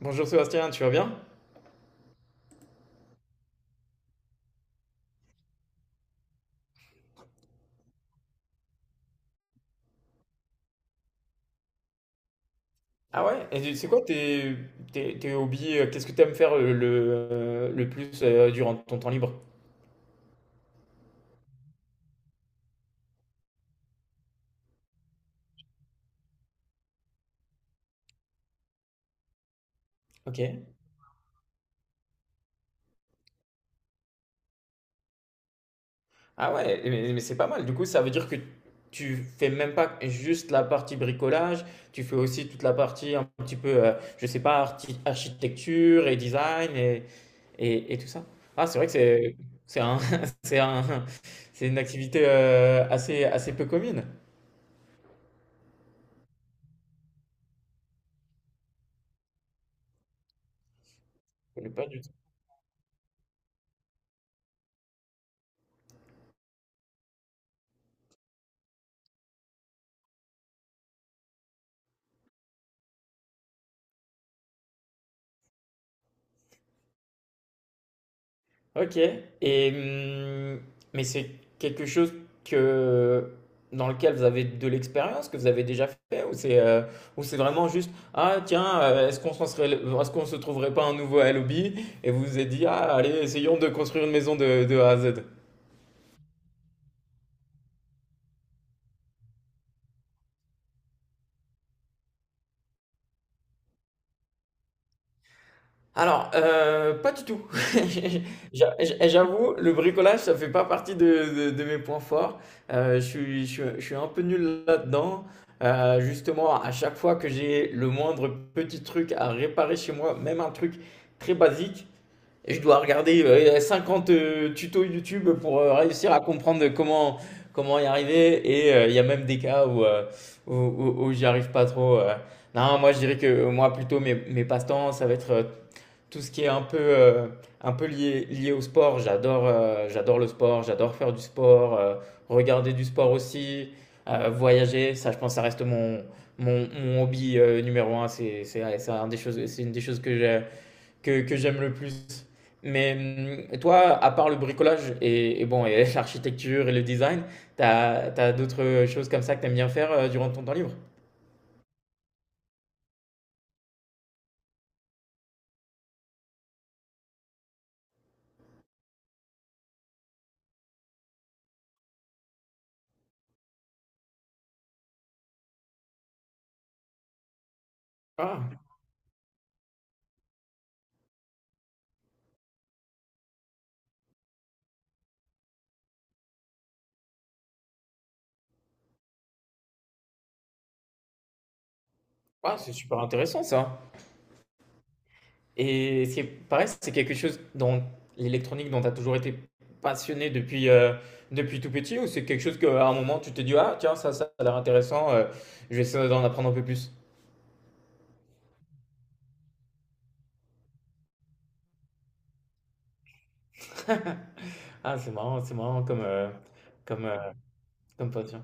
Bonjour Sébastien, tu vas bien? Ah ouais? Et c'est quoi tes hobbies? Qu'est-ce que tu aimes faire le plus durant ton temps libre? Ok. Ah ouais, mais c'est pas mal. Du coup, ça veut dire que tu fais même pas juste la partie bricolage, tu fais aussi toute la partie un petit peu, je sais pas, architecture et design et tout ça. Ah, c'est vrai que c'est un, c'est un, c'est une activité assez, assez peu commune. Je connais pas du Ok. Et, mais c'est quelque chose que, dans lequel vous avez de l'expérience, que vous avez déjà fait, ou c'est vraiment juste, ah tiens, est-ce qu'on se trouverait pas un nouveau lobby? Et vous vous êtes dit, ah allez, essayons de construire une maison de A à Z. Alors, pas du tout. J'avoue, le bricolage, ça fait pas partie de mes points forts. Je suis un peu nul là-dedans. Justement, à chaque fois que j'ai le moindre petit truc à réparer chez moi, même un truc très basique, je dois regarder, 50, tutos YouTube pour, réussir à comprendre comment y arriver et il y a même des cas où, où j'y arrive pas trop. Non, moi, je dirais que moi, plutôt, mes passe-temps, ça va être, tout ce qui est un peu lié au sport. J'adore j'adore le sport, j'adore faire du sport, regarder du sport aussi, voyager. Ça, je pense, ça reste mon hobby numéro un. C'est une des choses que j'aime le plus. Mais toi, à part le bricolage et bon, et l'architecture et le design, t'as d'autres choses comme ça que t'aimes bien faire durant ton temps libre? Ah, ah, c'est super intéressant ça. Et c'est pareil, c'est quelque chose dans l'électronique dont tu as toujours été passionné depuis, depuis tout petit ou c'est quelque chose qu'à un moment tu t'es dit ah tiens ça a l'air intéressant je vais essayer d'en apprendre un peu plus. Ah c'est marrant comme euh, comme passion.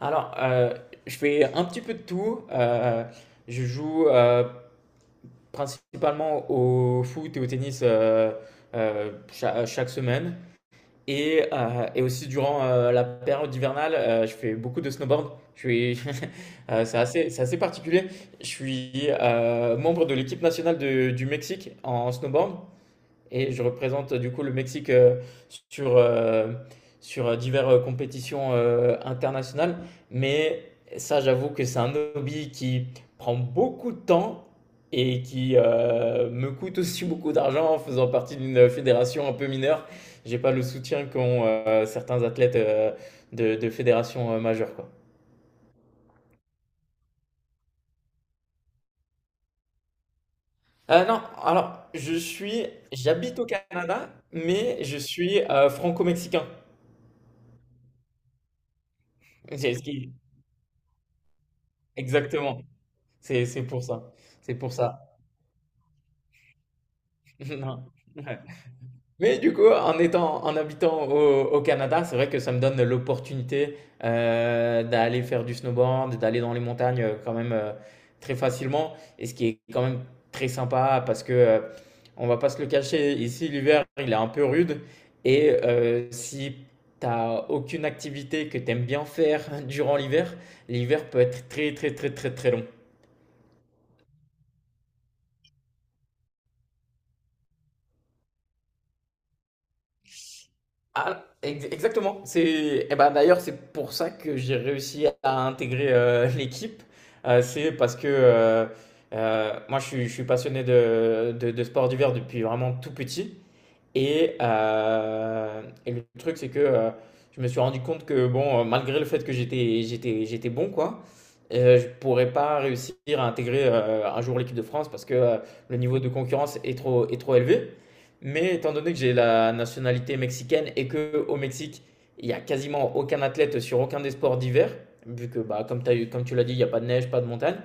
Alors je fais un petit peu de tout. Je joue principalement au foot et au tennis chaque, semaine. Et aussi durant la période hivernale, je fais beaucoup de snowboard. Je suis, c'est assez particulier. Je suis membre de l'équipe nationale du Mexique en snowboard. Et je représente du coup le Mexique sur, euh, sur diverses compétitions internationales. Mais ça, j'avoue que c'est un hobby qui prend beaucoup de temps et qui me coûte aussi beaucoup d'argent en faisant partie d'une fédération un peu mineure. J'ai pas le soutien qu'ont certains athlètes de fédérations majeures, quoi. Non, j'habite au Canada, mais je suis franco-mexicain. C'est ce qui, exactement. C'est pour ça. C'est pour ça. Non. Ouais. Mais du coup, en habitant au, au Canada, c'est vrai que ça me donne l'opportunité d'aller faire du snowboard, d'aller dans les montagnes quand même très facilement. Et ce qui est quand même très sympa parce que on va pas se le cacher, ici l'hiver il est un peu rude. Et si t'as aucune activité que t'aimes bien faire durant l'hiver, l'hiver peut être très très très très très long. Ah, exactement. C'est, eh ben, d'ailleurs, c'est pour ça que j'ai réussi à intégrer l'équipe. C'est parce que moi, je suis passionné de sport d'hiver depuis vraiment tout petit. Et le truc, c'est que je me suis rendu compte que, bon, malgré le fait que j'étais bon, quoi, je pourrais pas réussir à intégrer un jour l'équipe de France parce que le niveau de concurrence est trop élevé. Mais étant donné que j'ai la nationalité mexicaine et que au Mexique, il y a quasiment aucun athlète sur aucun des sports d'hiver, vu que, bah, comme tu l'as dit, il n'y a pas de neige, pas de montagne,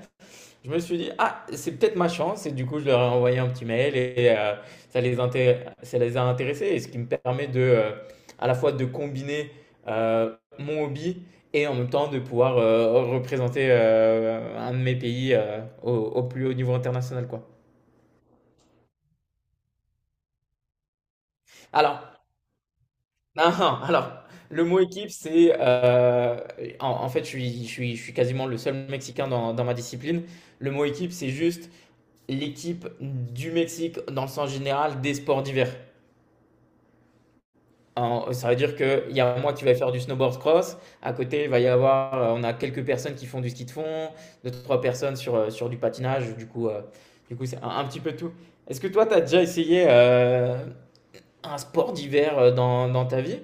je me suis dit, ah, c'est peut-être ma chance. Et du coup, je leur ai envoyé un petit mail et ça les a intéressés. Et ce qui me permet de, à la fois de combiner mon hobby et en même temps de pouvoir représenter un de mes pays au, au plus haut niveau international, quoi. Alors, alors le mot équipe, c'est. En, en fait, je suis quasiment le seul Mexicain dans, dans ma discipline. Le mot équipe, c'est juste l'équipe du Mexique dans le sens général des sports d'hiver. Ça veut dire qu'il y a moi qui vais faire du snowboard cross. À côté, il va y avoir, on a quelques personnes qui font du ski de fond, deux, trois personnes sur du patinage. Du coup, c'est un petit peu tout. Est-ce que toi, tu as déjà essayé un sport d'hiver dans, dans ta vie?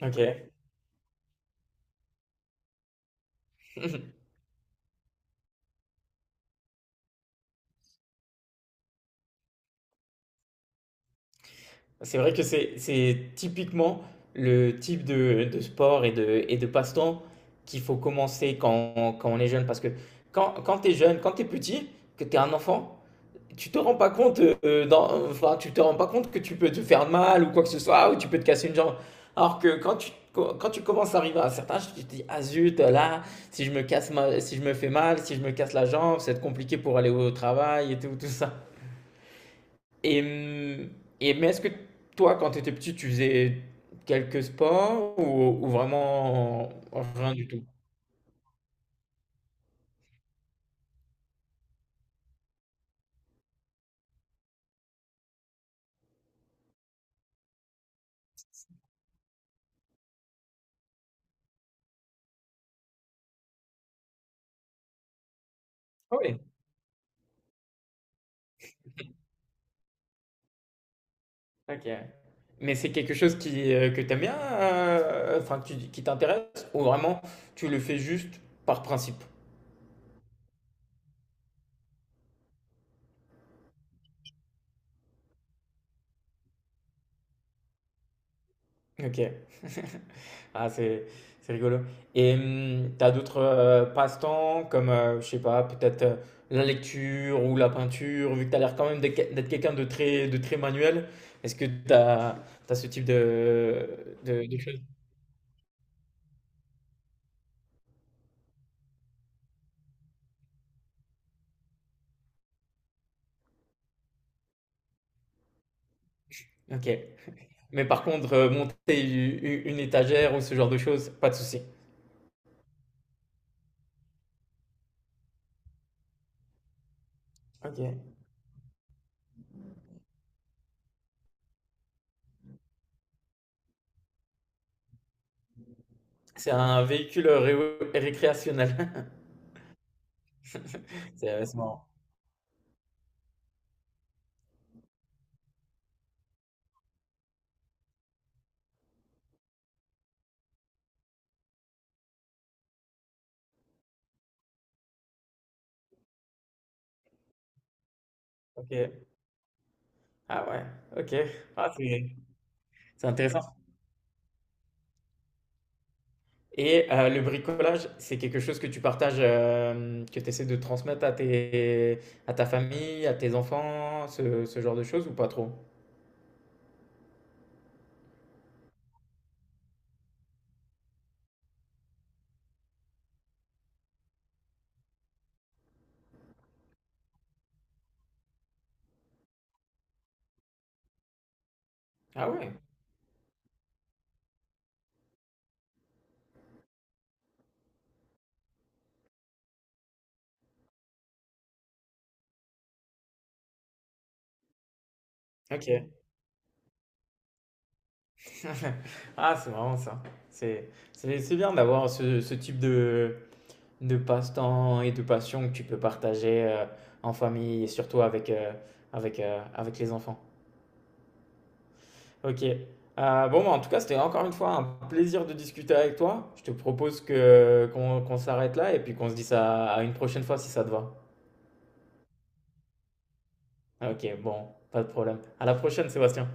Ok. C'est vrai que c'est typiquement le type de sport et de passe-temps qu'il faut commencer quand, quand on est jeune. Parce que quand, quand tu es jeune, quand tu es petit, que tu es un enfant, tu te rends pas compte, enfin, tu te rends pas compte que tu peux te faire mal ou quoi que ce soit, ou tu peux te casser une jambe. Alors que quand tu commences à arriver à un certain âge, tu te dis, ah zut, là, si je me casse ma- si je me fais mal, si je me casse la jambe, ça va être compliqué pour aller au travail et tout, tout ça. Et, hum, et mais est-ce que toi, quand tu étais petit, tu faisais quelques sports ou vraiment rien du tout? Ah ouais. OK. Mais c'est quelque chose qui, que tu aimes bien, enfin que tu qui t'intéresse ou vraiment tu le fais juste par principe? OK. Ah c'est rigolo et tu d'autres, passe-temps comme, je sais pas, peut-être, la lecture ou la peinture? Vu que t'as l'air quand même d'être quelqu'un de très manuel, est-ce que t'as as ce type de de choses? OK. Mais par contre, monter u u une étagère ou ce genre de choses, pas de souci? OK. C'est un véhicule ré récréationnel. C'est ouais, c'est marrant. OK. Ah ouais, OK. Ah, c'est intéressant. Et le bricolage, c'est quelque chose que tu partages, que tu essaies de transmettre à ta famille, à tes enfants, ce genre de choses ou pas trop? Ah ouais, OK. Ah, c'est marrant ça. C'est bien d'avoir ce type de passe-temps et de passion que tu peux partager, en famille et surtout avec, avec les enfants. Ok. Bon, bah, en tout cas, c'était encore une fois un plaisir de discuter avec toi. Je te propose que qu'on s'arrête là et puis qu'on se dise ça à une prochaine fois si ça te va. Ok, bon, pas de problème. À la prochaine, Sébastien.